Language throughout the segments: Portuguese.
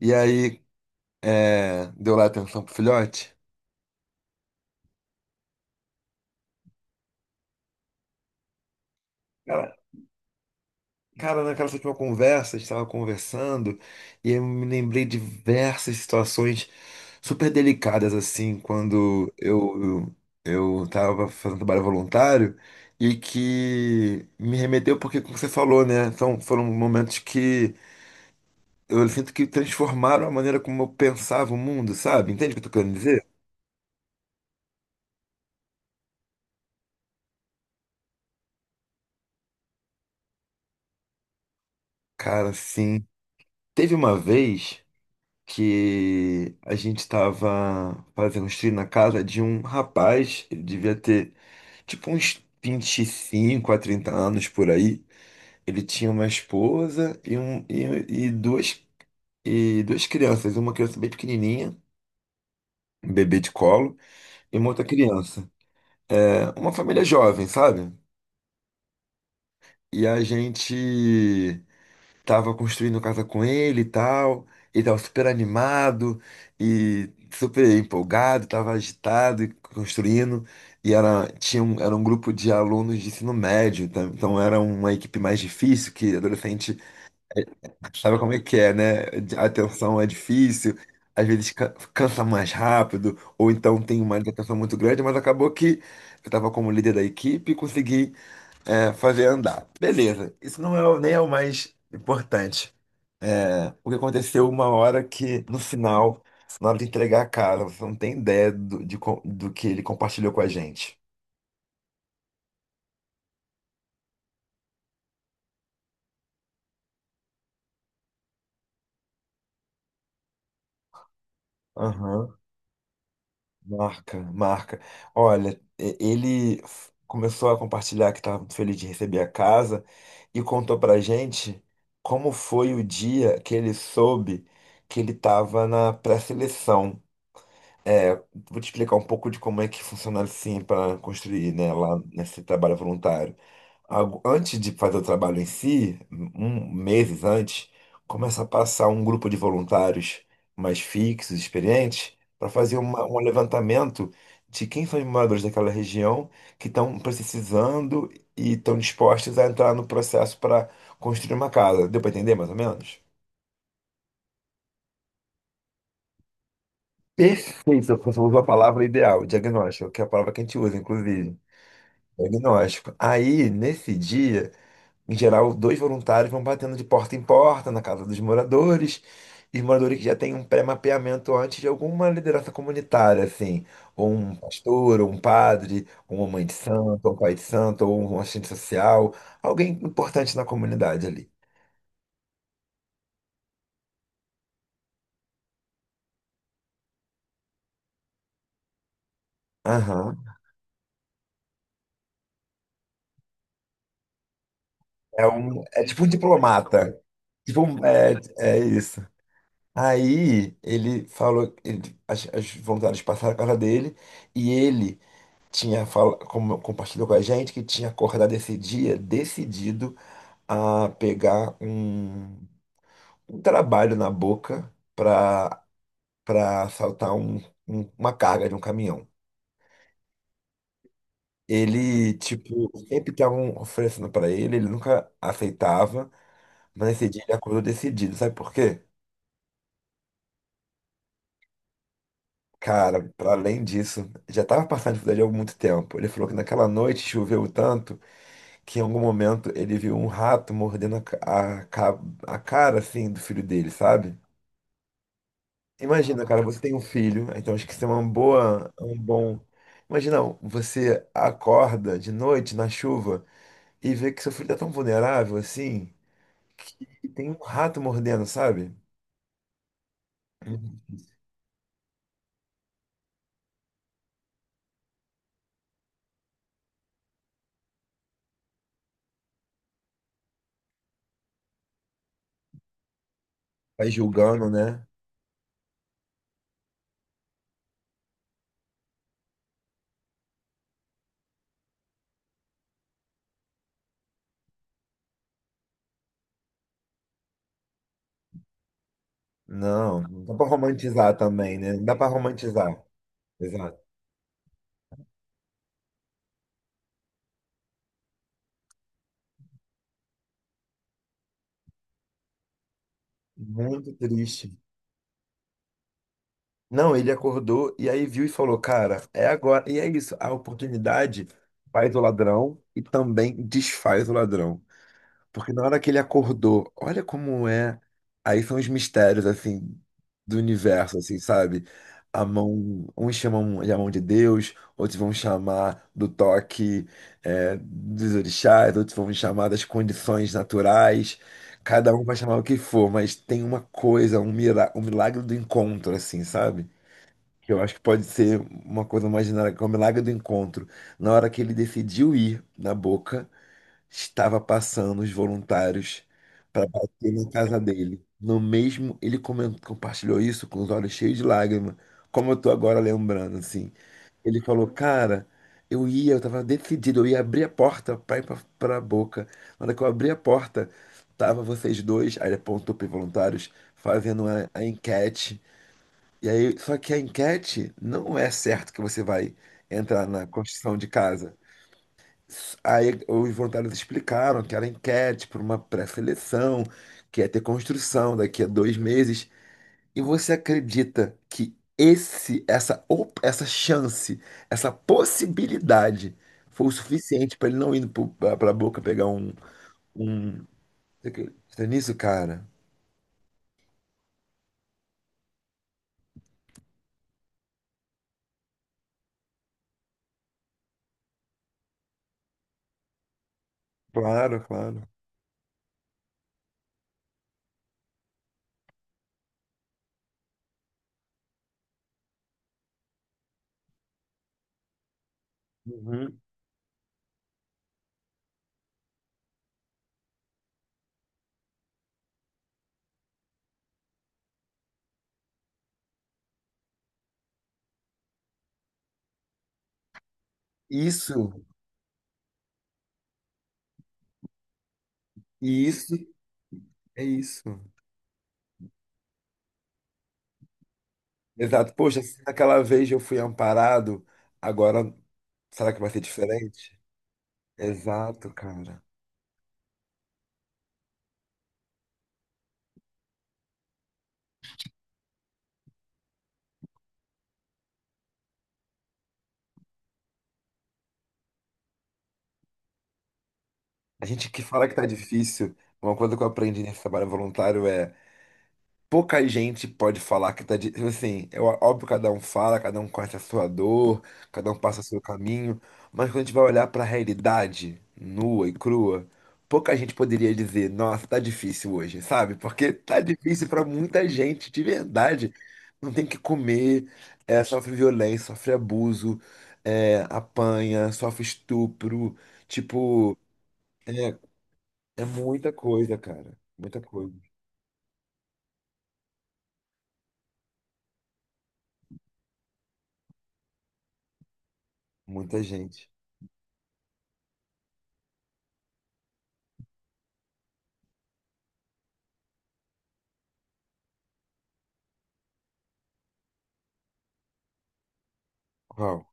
E aí, deu lá atenção pro filhote? Cara, cara, naquela última conversa, a gente estava conversando e eu me lembrei de diversas situações super delicadas, assim, quando eu, estava fazendo trabalho voluntário e que me remeteu, porque, como você falou, né, foram momentos que eu sinto que transformaram a maneira como eu pensava o mundo, sabe? Entende o que eu tô querendo dizer? Cara, sim. Teve uma vez que a gente estava fazendo uns trilhos na casa de um rapaz. Ele devia ter tipo uns 25 a 30 anos por aí. Ele tinha uma esposa e duas crianças, uma criança bem pequenininha, um bebê de colo, e uma outra criança. É uma família jovem, sabe? E a gente tava construindo casa com ele e tal. Ele tava super animado e super empolgado, tava agitado e construindo. E era, tinha um, era um grupo de alunos de ensino médio, tá? Então era uma equipe mais difícil, que adolescente sabe como é que é, né? A atenção é difícil, às vezes cansa mais rápido, ou então tem uma atenção muito grande, mas acabou que eu tava como líder da equipe e consegui, fazer andar. Beleza, isso não é, nem é o mais importante. O que aconteceu uma hora que, no final, na hora de entregar a cara, você não tem ideia do que ele compartilhou com a gente. Aham, marca, marca. Olha, ele começou a compartilhar que estava feliz de receber a casa e contou pra gente como foi o dia que ele soube que ele estava na pré-seleção. É, vou te explicar um pouco de como é que funciona assim para construir, né, lá nesse trabalho voluntário. Antes de fazer o trabalho em si, meses antes, começa a passar um grupo de voluntários mais fixos, experientes, para fazer um levantamento de quem são os moradores daquela região que estão precisando e estão dispostos a entrar no processo para construir uma casa. Deu para entender mais ou menos? Perfeito, você usou a palavra ideal, diagnóstico, que é a palavra que a gente usa, inclusive. É Agnóstico. Aí, nesse dia, em geral, dois voluntários vão batendo de porta em porta na casa dos moradores, e os moradores que já têm um pré-mapeamento antes de alguma liderança comunitária, assim, ou um pastor, ou um padre, ou uma mãe de santo, ou um pai de santo, ou um assistente social, alguém importante na comunidade ali. Aham. É um, é tipo um diplomata. Tipo um, é isso. Aí ele falou, as voluntárias passaram a casa dele e ele compartilhou com a gente que tinha acordado esse dia decidido a pegar um trabalho na boca para assaltar uma carga de um caminhão. Ele, tipo, sempre estavam oferecendo para ele, ele nunca aceitava, mas nesse dia ele acordou decidido. Sabe por quê? Cara, para além disso, já estava passando dificuldade há muito tempo. Ele falou que naquela noite choveu tanto que em algum momento ele viu um rato mordendo a, ca- a cara, assim, do filho dele, sabe? Imagina, cara, você tem um filho, então acho que isso é uma boa, é um bom... Imagina, você acorda de noite na chuva e vê que seu filho tá tão vulnerável, assim, que tem um rato mordendo, sabe? Vai julgando, né? Não, não dá pra romantizar também, né? Não dá pra romantizar. Exato. Muito triste. Não, ele acordou e aí viu e falou, cara, é agora. E é isso, a oportunidade faz o ladrão e também desfaz o ladrão. Porque na hora que ele acordou, olha como é. Aí são os mistérios, assim, do universo, assim, sabe? A mão, uns chamam de a mão de Deus, outros vão chamar do toque, é, dos orixás, outros vão chamar das condições naturais. Cada um vai chamar o que for, mas tem uma coisa, um milagre do encontro, assim, sabe? Eu acho que pode ser uma coisa imaginária, que é o milagre do encontro. Na hora que ele decidiu ir na Boca, estava passando os voluntários para bater na casa dele. No mesmo, ele compartilhou isso com os olhos cheios de lágrimas, como eu tô agora lembrando, assim. Ele falou, cara, eu ia, eu tava decidido, eu ia abrir a porta pra ir pra, pra boca. Na hora que eu abri a porta, tava vocês dois, aí ele apontou pros voluntários, fazendo a enquete. E aí, só que a enquete não é certo que você vai entrar na construção de casa. Aí os voluntários explicaram que era enquete para uma pré-seleção, que ia ter construção daqui a 2 meses. E você acredita que essa chance, essa possibilidade foi o suficiente para ele não ir para a boca pegar um... Você acredita nisso, cara? Claro, claro. Uhum. Isso, isso, é isso. Exato. Poxa, se naquela vez eu fui amparado, agora será que vai ser diferente? Exato, cara. A gente que fala que tá difícil, uma coisa que eu aprendi nesse trabalho voluntário é pouca gente pode falar que tá de, tipo assim, é óbvio que cada um fala, cada um conhece a sua dor, cada um passa o seu caminho, mas quando a gente vai olhar pra realidade nua e crua, pouca gente poderia dizer, nossa, tá difícil hoje, sabe? Porque tá difícil pra muita gente, de verdade. Não tem o que comer, é, sofre violência, sofre abuso, é, apanha, sofre estupro, tipo, é, é muita coisa, cara. Muita coisa, muita gente. Uau.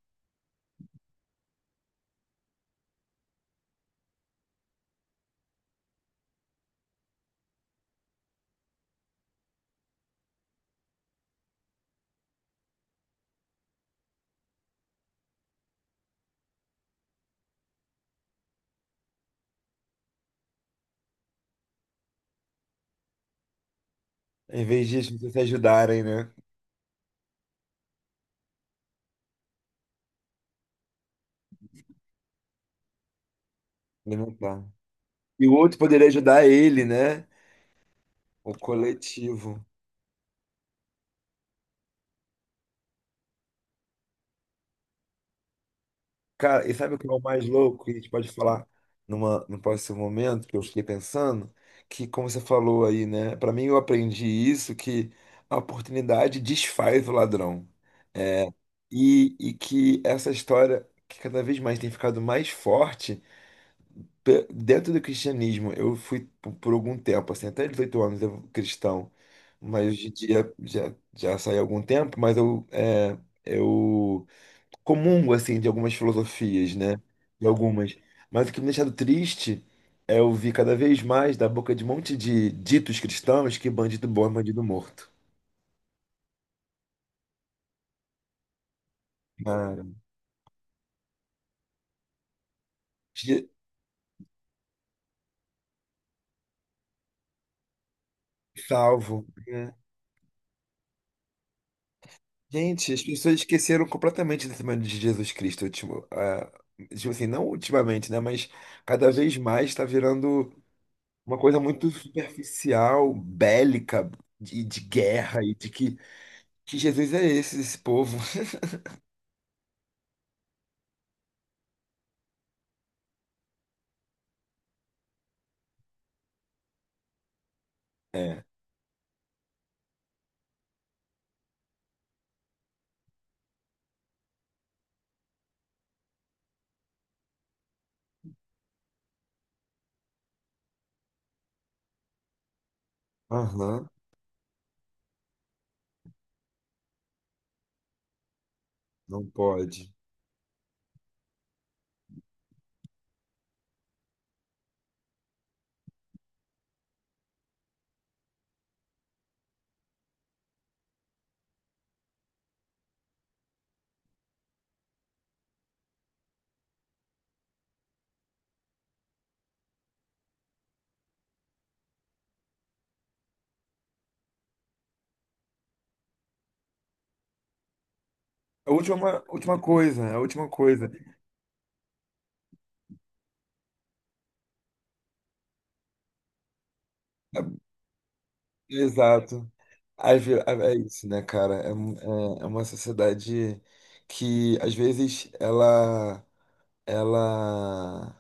Em vez disso, vocês se ajudarem, né? Alimentar. E o outro poderia ajudar ele, né? O coletivo. Cara, e sabe o que é o mais louco? Que a gente pode falar num próximo momento, que eu fiquei pensando, que como você falou aí, né? Pra mim, eu aprendi isso, que a oportunidade desfaz o ladrão. E que essa história que cada vez mais tem ficado mais forte dentro do cristianismo, eu fui por algum tempo, assim, até 18 anos eu cristão, mas hoje em dia já saí há algum tempo, mas eu comungo, assim, de algumas filosofias, né? De algumas. Mas o que me deixado triste é eu ouvir cada vez mais da boca de um monte de ditos cristãos que bandido bom é bandido morto. Cara, de- salvo, né. Gente, as pessoas esqueceram completamente da semana de Jesus Cristo, ultimo, tipo assim, não ultimamente, né? Mas cada vez mais está virando uma coisa muito superficial, bélica, de, guerra e de que Jesus é esse, esse povo. É. Aham, não pode. A última, última coisa, a última coisa. Exato. É isso, né, cara? É uma sociedade que, às vezes, ela, ela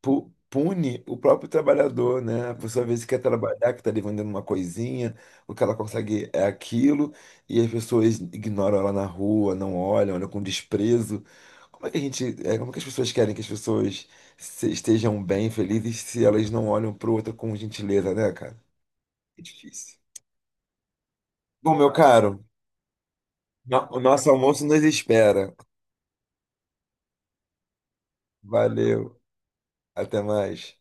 pu- pune o próprio trabalhador, né? A pessoa às vezes quer trabalhar, que está ali vendendo uma coisinha, o que ela consegue é aquilo, e as pessoas ignoram ela na rua, não olham, olham com desprezo. Como é que a gente, como é que as pessoas querem que as pessoas estejam bem, felizes, se elas não olham para o outro com gentileza, né, cara? É difícil. Bom, meu caro, o nosso almoço nos espera. Valeu, até mais.